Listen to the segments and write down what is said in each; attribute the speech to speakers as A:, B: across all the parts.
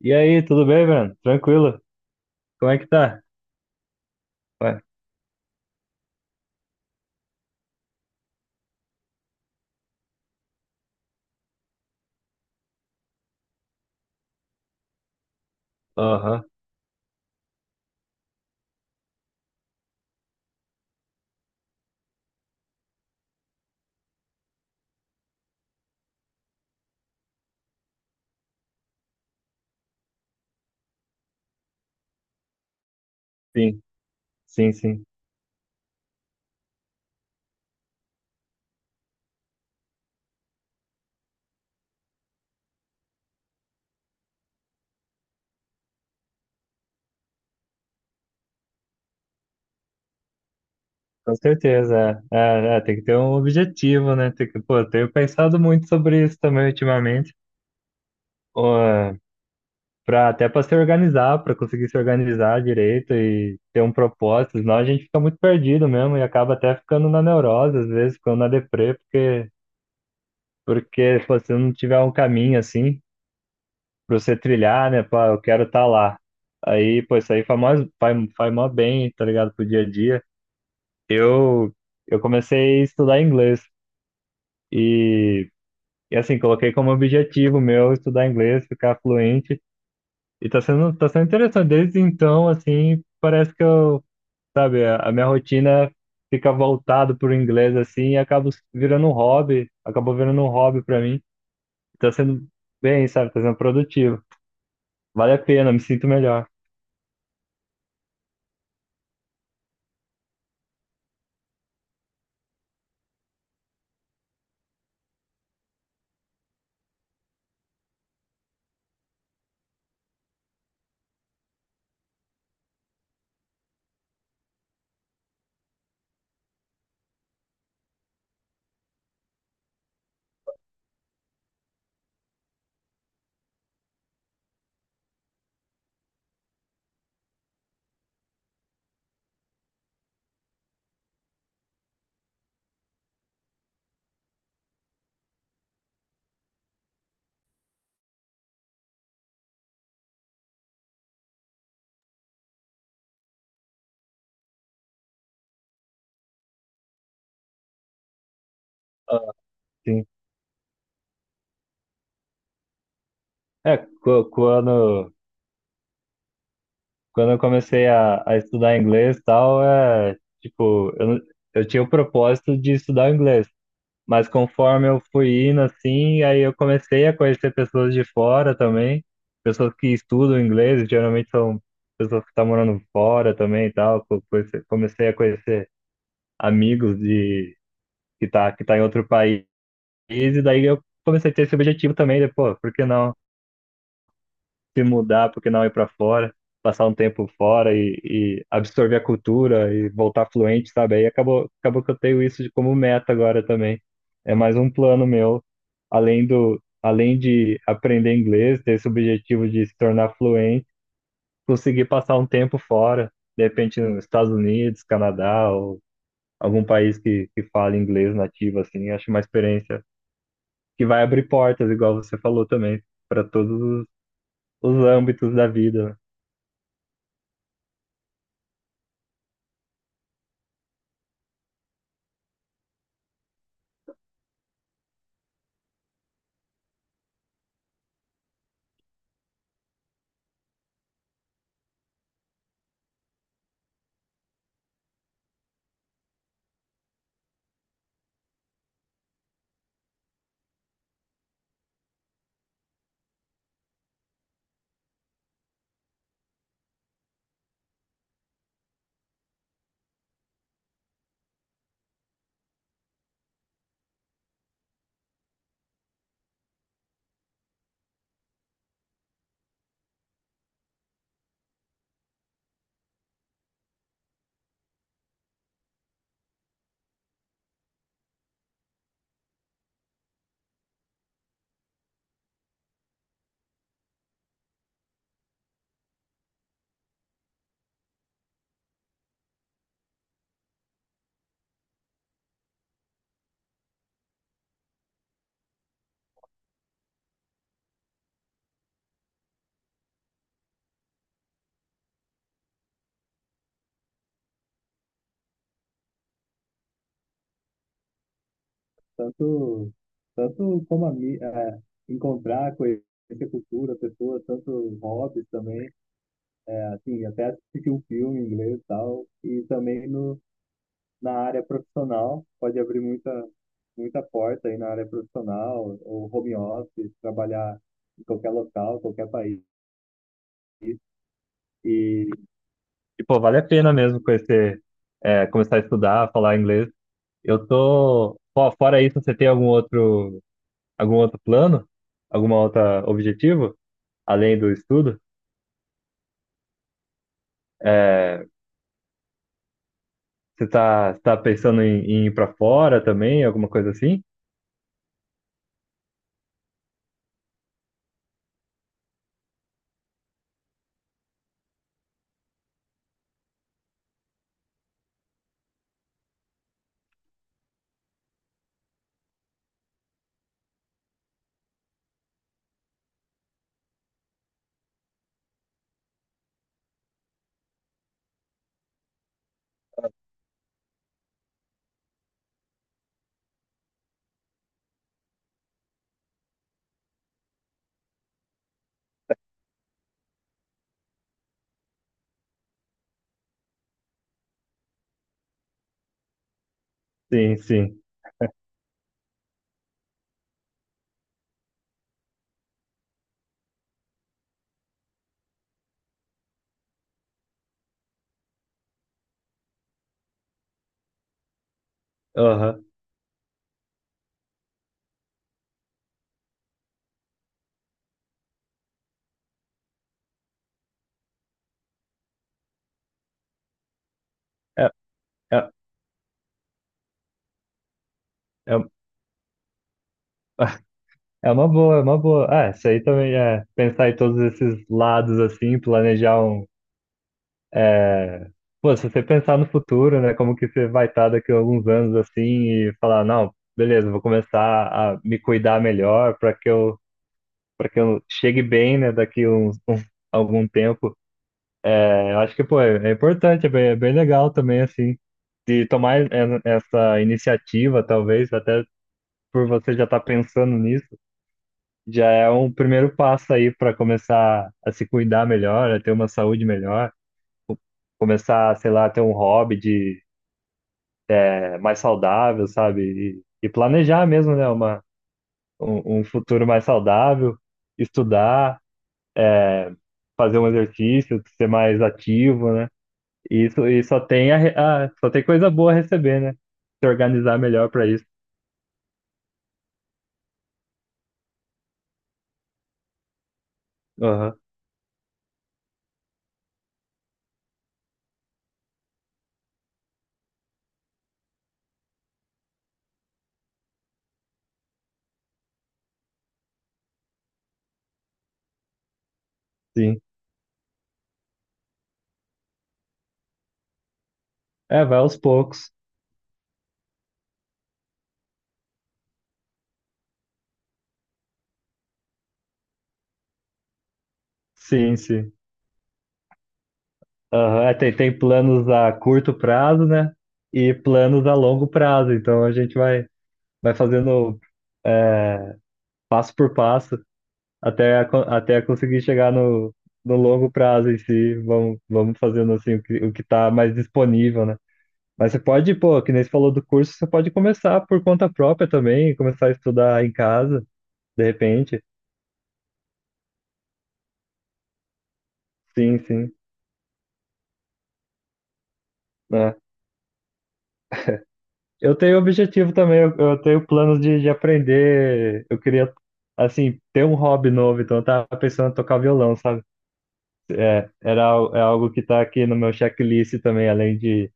A: E aí, tudo bem, Breno? Tranquilo? Como é que tá? Ué, aham, sim, sim. Com certeza. Tem que ter um objetivo, né? Tem que, eu tenho pensado muito sobre isso também ultimamente. Ó, pra, até para se organizar, para conseguir se organizar direito e ter um propósito, senão a gente fica muito perdido mesmo e acaba até ficando na neurose, às vezes, ficando na deprê, porque pô, se não tiver um caminho assim pra você trilhar, né? Pá, eu quero estar lá. Aí, pô, isso aí faz faz mó bem, tá ligado? Pro dia a dia. Eu, eu comecei a estudar inglês e, assim, coloquei como objetivo meu estudar inglês, ficar fluente. E tá sendo interessante. Desde então, assim, parece que sabe, a minha rotina fica voltada pro inglês, assim, e acabo virando um hobby, acabou virando um hobby pra mim. Tá sendo bem, sabe? Tá sendo produtivo. Vale a pena, me sinto melhor. Ah, sim. É, qu- quando, quando eu comecei a estudar inglês e tal, tipo, eu, não- eu tinha o propósito de estudar inglês, mas conforme eu fui indo, assim, aí eu comecei a conhecer pessoas de fora também, pessoas que estudam inglês, geralmente são pessoas que estão morando fora também e tal, comecei a conhecer amigos de, que tá em outro país, e daí eu comecei a ter esse objetivo também, de, pô, por que não se mudar, porque não ir para fora, passar um tempo fora e absorver a cultura e voltar fluente, sabe? Aí acabou que eu tenho isso de como meta agora também. É mais um plano meu, além de aprender inglês, ter esse objetivo de se tornar fluente, conseguir passar um tempo fora, de repente nos Estados Unidos, Canadá ou algum país que fale inglês nativo, assim, acho uma experiência que vai abrir portas, igual você falou também, para todos os âmbitos da vida, né? Tanto, tanto como encontrar, conhecer cultura, pessoas, tanto hobbies também, é, assim, até assistir um filme em inglês e tal, e também no, na área profissional, pode abrir muita porta aí na área profissional, ou home office, trabalhar em qualquer local, qualquer país, e E, pô, vale a pena mesmo conhecer, é, começar a estudar, falar inglês. Eu tô. Pô, fora isso, você tem algum outro, algum outro plano? Alguma outra objetivo? Além do estudo? É, você tá pensando em, em ir para fora também? Alguma coisa assim? Sim, sim. Aham. É, é, é, é uma boa. Ah, isso aí também é pensar em todos esses lados assim, planejar um. Pô, se você pensar no futuro, né? Como que você vai estar daqui a alguns anos assim e falar, não, beleza, vou começar a me cuidar melhor para que para que eu chegue bem, né? Daqui a algum tempo. É, eu acho que, pô, é importante, é bem legal também, assim, de tomar essa iniciativa, talvez, até por você já estar pensando nisso, já é um primeiro passo aí para começar a se cuidar melhor, a ter uma saúde melhor, começar, sei lá, a ter um hobby de, é, mais saudável, sabe? E planejar mesmo, né, um futuro mais saudável, estudar, fazer um exercício, ser mais ativo, né? E, isso, e só tem só tem coisa boa a receber, né? Se organizar melhor para isso. Aham, sim. É, vai aos poucos. Sim, sim. Aham, é, tem planos a curto prazo, né? E planos a longo prazo. Então a vai fazendo é, passo por passo até conseguir chegar no longo prazo em si. Vamos fazendo assim o que está mais disponível, né? Mas você pode, pô, que nem você falou do curso, você pode começar por conta própria também, começar a estudar em casa, de repente. Sim, sim. Né? Eu tenho objetivo também, eu tenho planos de aprender. Eu queria, assim, ter um hobby novo, então eu tava pensando em tocar violão, sabe? É, é algo que tá aqui no meu checklist também, além de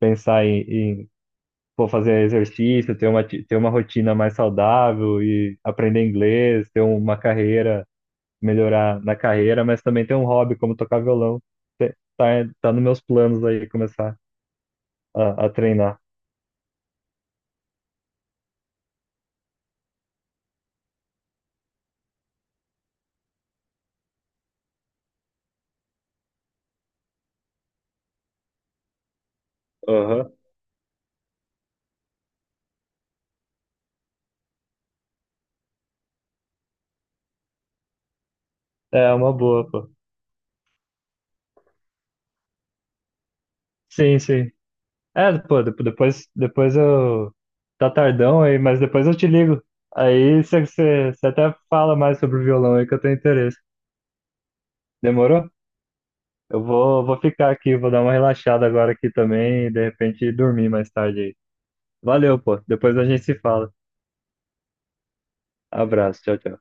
A: pensar em, em pô, fazer exercício, ter ter uma rotina mais saudável e aprender inglês, ter uma carreira, melhorar na carreira, mas também tem um hobby como tocar violão. Te- Tá, tá nos meus planos aí começar a treinar. Aham. É uma boa, pô. Sim, sim. É, pô, depois eu. Tá tardão aí, mas depois eu te ligo. Aí você até fala mais sobre o violão aí que eu tenho interesse. Demorou? Eu vou ficar aqui, vou dar uma relaxada agora aqui também e de repente dormir mais tarde aí. Valeu, pô. Depois a gente se fala. Abraço, tchau, tchau.